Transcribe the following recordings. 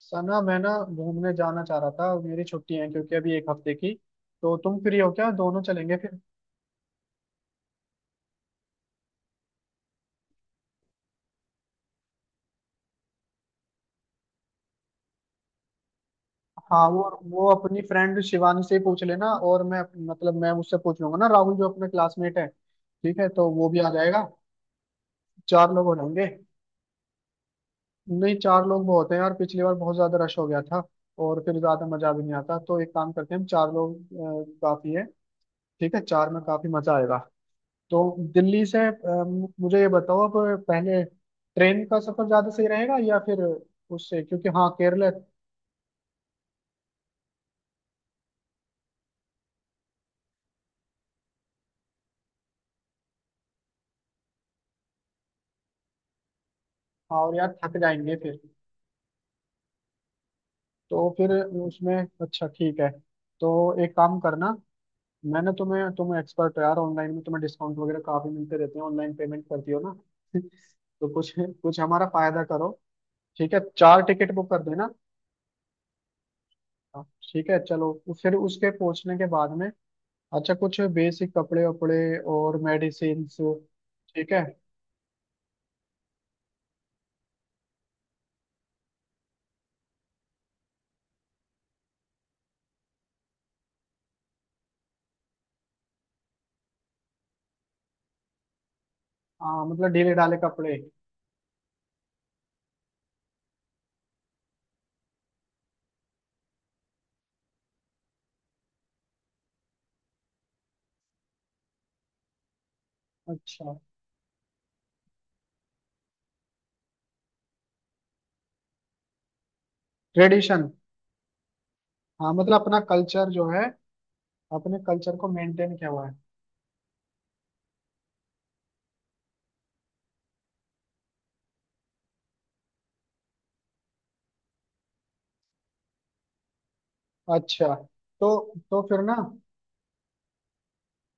सना, मैं ना घूमने जाना चाह रहा था। मेरी छुट्टी है, क्योंकि अभी 1 हफ्ते की। तो तुम फ्री हो क्या? दोनों चलेंगे फिर। हाँ वो अपनी फ्रेंड शिवानी से ही पूछ लेना। और मैं, मतलब मैं उससे पूछ लूंगा ना, राहुल जो अपना क्लासमेट है। ठीक है, तो वो भी आ जाएगा। 4 लोग हो जाएंगे। नहीं, 4 लोग बहुत हैं यार, पिछली बार बहुत ज्यादा रश हो गया था। और फिर ज्यादा मजा भी नहीं आता, तो एक काम करते हैं हम 4 लोग काफी है। ठीक है, 4 में काफी मजा आएगा। तो दिल्ली से मुझे ये बताओ अब, पहले ट्रेन का सफर ज्यादा सही रहेगा या फिर उससे, क्योंकि हाँ केरल। हाँ, और यार थक जाएंगे फिर। तो फिर उसमें, अच्छा ठीक है। तो एक काम करना, मैंने तुम्हें, तुम एक्सपर्ट हो यार ऑनलाइन में, तुम्हें डिस्काउंट वगैरह काफी मिलते रहते हैं। ऑनलाइन पेमेंट करती हो ना तो कुछ कुछ हमारा फायदा करो। ठीक है, 4 टिकट बुक कर देना। हाँ, ठीक है चलो। फिर उसके पहुंचने के बाद में, अच्छा कुछ बेसिक कपड़े वपड़े और मेडिसिन। ठीक है। हाँ, मतलब ढीले ढाले कपड़े। अच्छा ट्रेडिशन। हाँ, मतलब अपना कल्चर जो है, अपने कल्चर को मेंटेन किया हुआ है। अच्छा। तो, तो फिर ना,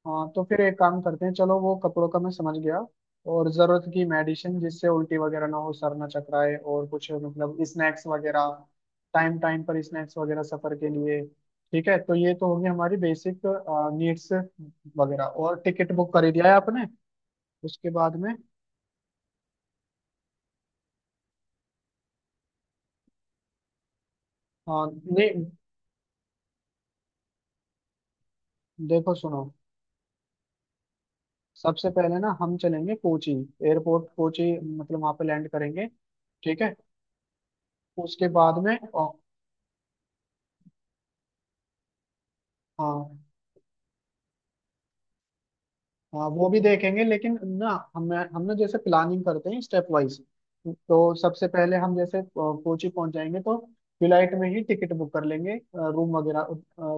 हाँ तो फिर एक काम करते हैं। चलो, वो कपड़ों का मैं समझ गया। और जरूरत की मेडिसिन, जिससे उल्टी वगैरह ना हो, सर ना चकराए, और कुछ मतलब स्नैक्स वगैरह। टाइम टाइम पर स्नैक्स वगैरह सफर के लिए। ठीक है, तो ये तो होगी हमारी बेसिक नीड्स वगैरह। और टिकट बुक कर ही दिया है आपने। उसके बाद में, हाँ नहीं, देखो सुनो, सबसे पहले ना हम चलेंगे कोची। एयरपोर्ट कोची, मतलब वहां पे लैंड करेंगे। ठीक है। उसके बाद में हाँ हाँ वो भी देखेंगे लेकिन ना, हम ना जैसे प्लानिंग करते हैं स्टेप वाइज। तो सबसे पहले हम जैसे कोची पहुंच जाएंगे, तो फ्लाइट में ही टिकट बुक कर लेंगे। रूम वगैरह,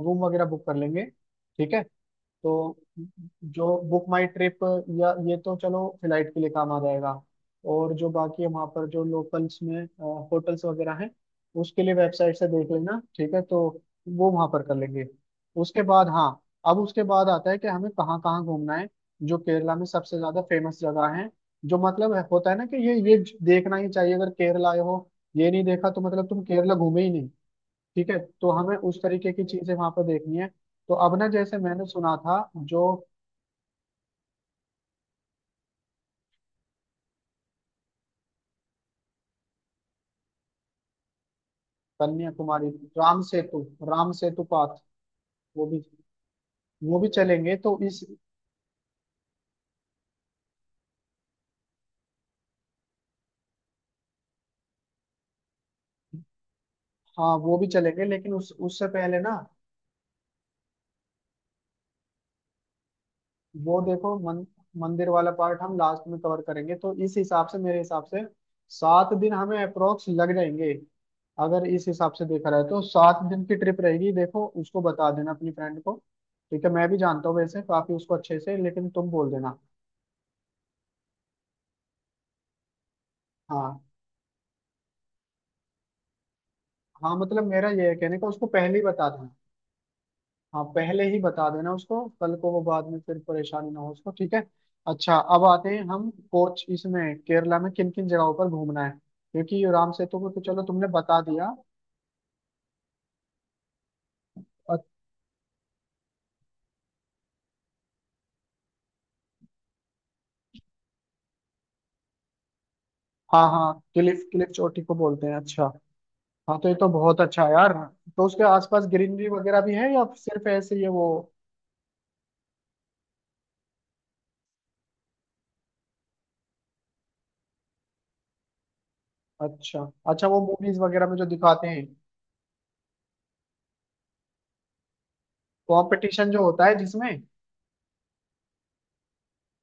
रूम वगैरह बुक कर लेंगे। ठीक है। तो जो बुक माई ट्रिप या ये, तो चलो फ्लाइट के लिए काम आ जाएगा। और जो बाकी है वहाँ पर, जो लोकल्स में होटल्स वगैरह हैं, उसके लिए वेबसाइट से देख लेना। ठीक है, तो वो वहाँ पर कर लेंगे। उसके बाद, हाँ अब उसके बाद आता है कि हमें कहाँ कहाँ घूमना है। जो केरला में सबसे ज्यादा फेमस जगह है, जो मतलब है- होता है ना कि ये देखना ही चाहिए अगर केरला आए हो। ये नहीं देखा तो मतलब तुम केरला घूमे ही नहीं। ठीक है, तो हमें उस तरीके की चीजें वहां पर देखनी है। तो अब ना, जैसे मैंने सुना था, जो कन्याकुमारी, राम सेतु, राम सेतु पाथ, वो भी, वो भी चलेंगे तो इस, हाँ वो भी चलेंगे। लेकिन उस उससे पहले ना, वो देखो मन, मंदिर वाला पार्ट हम लास्ट में कवर करेंगे। तो इस हिसाब से, मेरे हिसाब से सात दिन हमें अप्रोक्स लग जाएंगे। अगर इस हिसाब से देखा रहे तो 7 दिन की ट्रिप रहेगी। देखो उसको बता देना अपनी फ्रेंड को। ठीक है, मैं भी जानता हूँ वैसे काफी उसको अच्छे से, लेकिन तुम बोल देना। हाँ हाँ, मतलब मेरा ये है कहने का, उसको पहले ही बता देना। हाँ पहले ही बता देना उसको, कल को वो बाद में फिर परेशानी ना हो उसको। ठीक है। अच्छा अब आते हैं हम, कोच इसमें, केरला में किन किन जगहों पर घूमना है, क्योंकि राम सेतु को तो चलो तुमने बता दिया। और- हाँ हाँ, क्लिफ, क्लिफ चोटी को बोलते हैं, अच्छा। हाँ, तो ये तो बहुत अच्छा है यार। तो उसके आसपास ग्रीनरी वगैरह भी है, या सिर्फ ऐसे ही है वो? अच्छा, अच्छा वो मूवीज वगैरह में जो दिखाते हैं, कॉम्पिटिशन जो होता है, जिसमें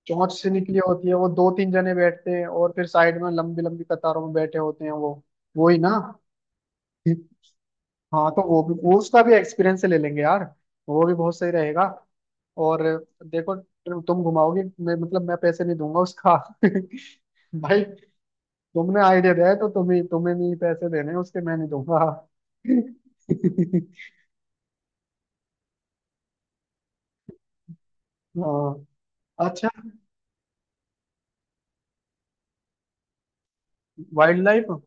चोंच से निकली होती है, वो 2-3 जने बैठते हैं और फिर साइड में लंबी लंबी कतारों में बैठे होते हैं वो ही ना। हाँ, तो वो भी, वो उसका भी एक्सपीरियंस ले लेंगे यार। वो भी बहुत सही रहेगा। और देखो, तुम घुमाओगी, मैं मतलब मैं पैसे नहीं दूंगा उसका भाई, तुमने आइडिया दिया है तो तुम्हें, तुम्हें नहीं, पैसे देने हैं उसके, मैं नहीं दूंगा हाँ, अच्छा वाइल्ड लाइफ।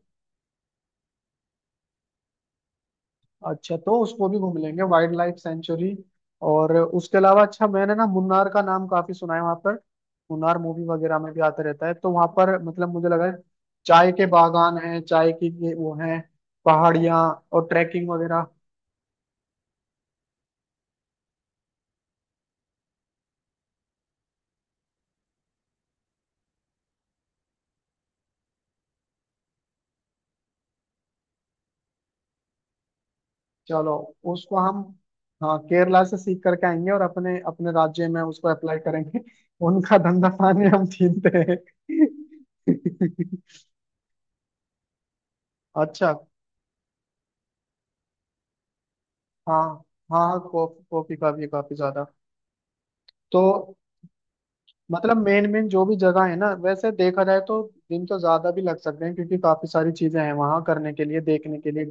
अच्छा, तो उसको भी घूम लेंगे, वाइल्ड लाइफ सेंचुरी। और उसके अलावा, अच्छा मैंने ना मुन्नार का नाम काफी सुना है, वहां पर मुन्नार मूवी वगैरह में भी आता रहता है। तो वहां पर, मतलब मुझे लगा है चाय के बागान हैं, चाय की ये वो हैं, पहाड़ियाँ, और ट्रैकिंग वगैरह। चलो, उसको हम, हाँ केरला से सीख करके आएंगे और अपने अपने राज्य में उसको अप्लाई करेंगे उनका धंधा पानी हम छीनते हैं अच्छा, हाँ हाँ, कॉफी, कॉफी का भी काफी ज्यादा। तो मतलब मेन मेन जो भी जगह है ना, वैसे देखा जाए तो दिन तो ज्यादा भी लग सकते हैं, क्योंकि काफी सारी चीजें हैं वहां करने के लिए, देखने के लिए।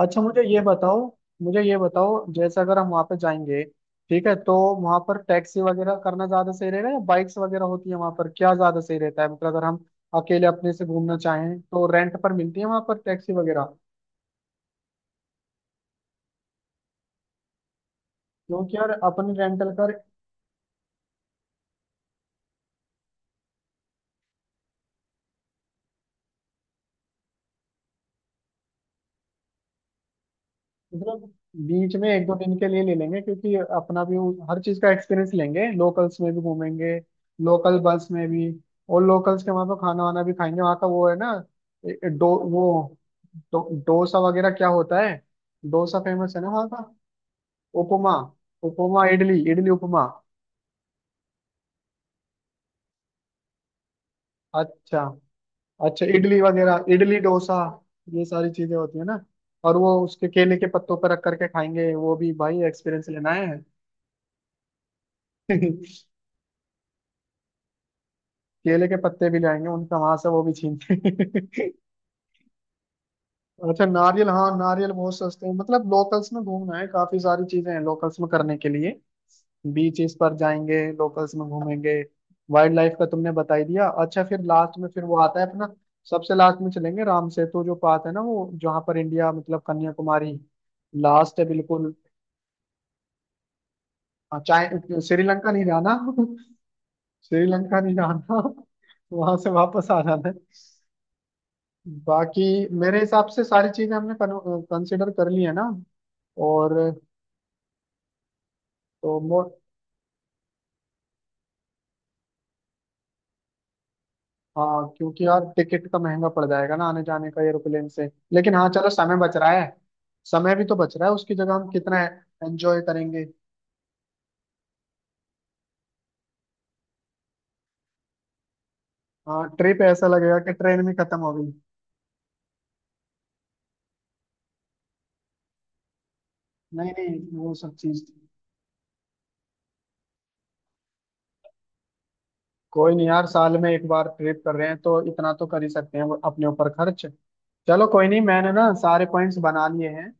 अच्छा मुझे ये बताओ, मुझे ये बताओ, जैसे अगर हम वहां पे जाएंगे, ठीक है, तो वहां पर टैक्सी वगैरह करना ज्यादा सही रहेगा या बाइक्स वगैरह होती है वहां पर? क्या ज्यादा सही रहता है, मतलब अगर हम अकेले अपने से घूमना चाहें, तो रेंट पर मिलती है वहां पर टैक्सी वगैरह? क्योंकि यार अपने, रेंटल कार मतलब बीच में 1-2 दिन के लिए ले लेंगे, क्योंकि अपना भी वो हर चीज का एक्सपीरियंस लेंगे, लोकल्स में भी घूमेंगे, लोकल बस में भी। और लोकल्स के वहाँ पे खाना वाना भी खाएंगे, वहाँ का वो है ना, ए- ए- डो वो डोसा वगैरह क्या होता है। डोसा फेमस है ना वहाँ का, उपमा, उपमा इडली, इडली उपमा। अच्छा, अच्छा इडली वगैरह, इडली डोसा, ये सारी चीजें होती है ना। और वो उसके केले के पत्तों पर रख करके खाएंगे, वो भी भाई एक्सपीरियंस लेना है केले के पत्ते भी लाएंगे उनका वहां से, वो भी छीन के अच्छा नारियल, हाँ नारियल बहुत सस्ते हैं। मतलब लोकल्स में घूमना है, काफी सारी चीजें हैं लोकल्स में करने के लिए। बीचेस पर जाएंगे, लोकल्स में घूमेंगे, वाइल्ड लाइफ का तुमने बता ही दिया। अच्छा फिर लास्ट में फिर वो आता है अपना, सबसे लास्ट में चलेंगे राम सेतु जो पास है ना, वो जहाँ पर इंडिया मतलब, कन्याकुमारी लास्ट है बिल्कुल। हाँ, चाहे श्रीलंका नहीं जाना श्रीलंका नहीं जाना, वहां से वापस आ जाना है। बाकी मेरे हिसाब से सारी चीजें हमने कंसिडर कर ली है ना। और तो मो, हाँ क्योंकि यार टिकट का महंगा पड़ जाएगा ना आने जाने का, एरोप्लेन से। लेकिन हाँ, चलो समय बच रहा है, समय भी तो बच रहा है। उसकी जगह हम कितना एंजॉय करेंगे। हाँ ट्रिप ऐसा लगेगा कि ट्रेन भी खत्म हो गई। नहीं नहीं, वो सब चीज, कोई नहीं यार, साल में 1 बार ट्रिप कर रहे हैं, तो इतना तो कर ही सकते हैं अपने ऊपर खर्च। चलो कोई नहीं, मैंने ना सारे पॉइंट्स बना लिए हैं।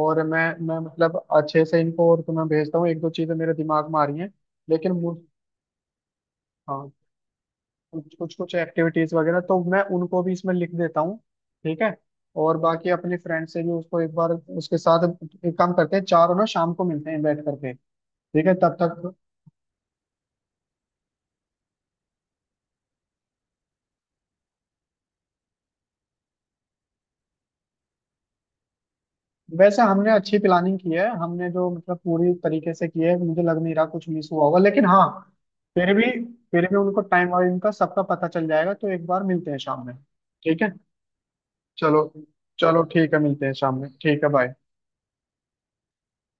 और मैं मतलब अच्छे से इनको, और तुम्हें भेजता हूँ, 1-2 चीजें मेरे दिमाग में आ रही हैं। लेकिन मु-, हाँ कुछ कुछ कुछ एक्टिविटीज वगैरह तो मैं उनको भी इसमें लिख देता हूँ। ठीक है, और बाकी अपने फ्रेंड से भी उसको 1 बार, उसके साथ एक काम करते हैं, चारों ना शाम को मिलते हैं बैठ करके। ठीक है, तब तक, वैसे हमने अच्छी प्लानिंग की है, हमने जो मतलब पूरी तरीके से की है, मुझे लग नहीं रहा कुछ मिस हुआ होगा। लेकिन हाँ, फिर भी, फिर भी उनको टाइम और इनका सबका पता चल जाएगा। तो 1 बार मिलते हैं शाम में, ठीक है। चलो, चलो ठीक है, मिलते हैं शाम में, ठीक है बाय।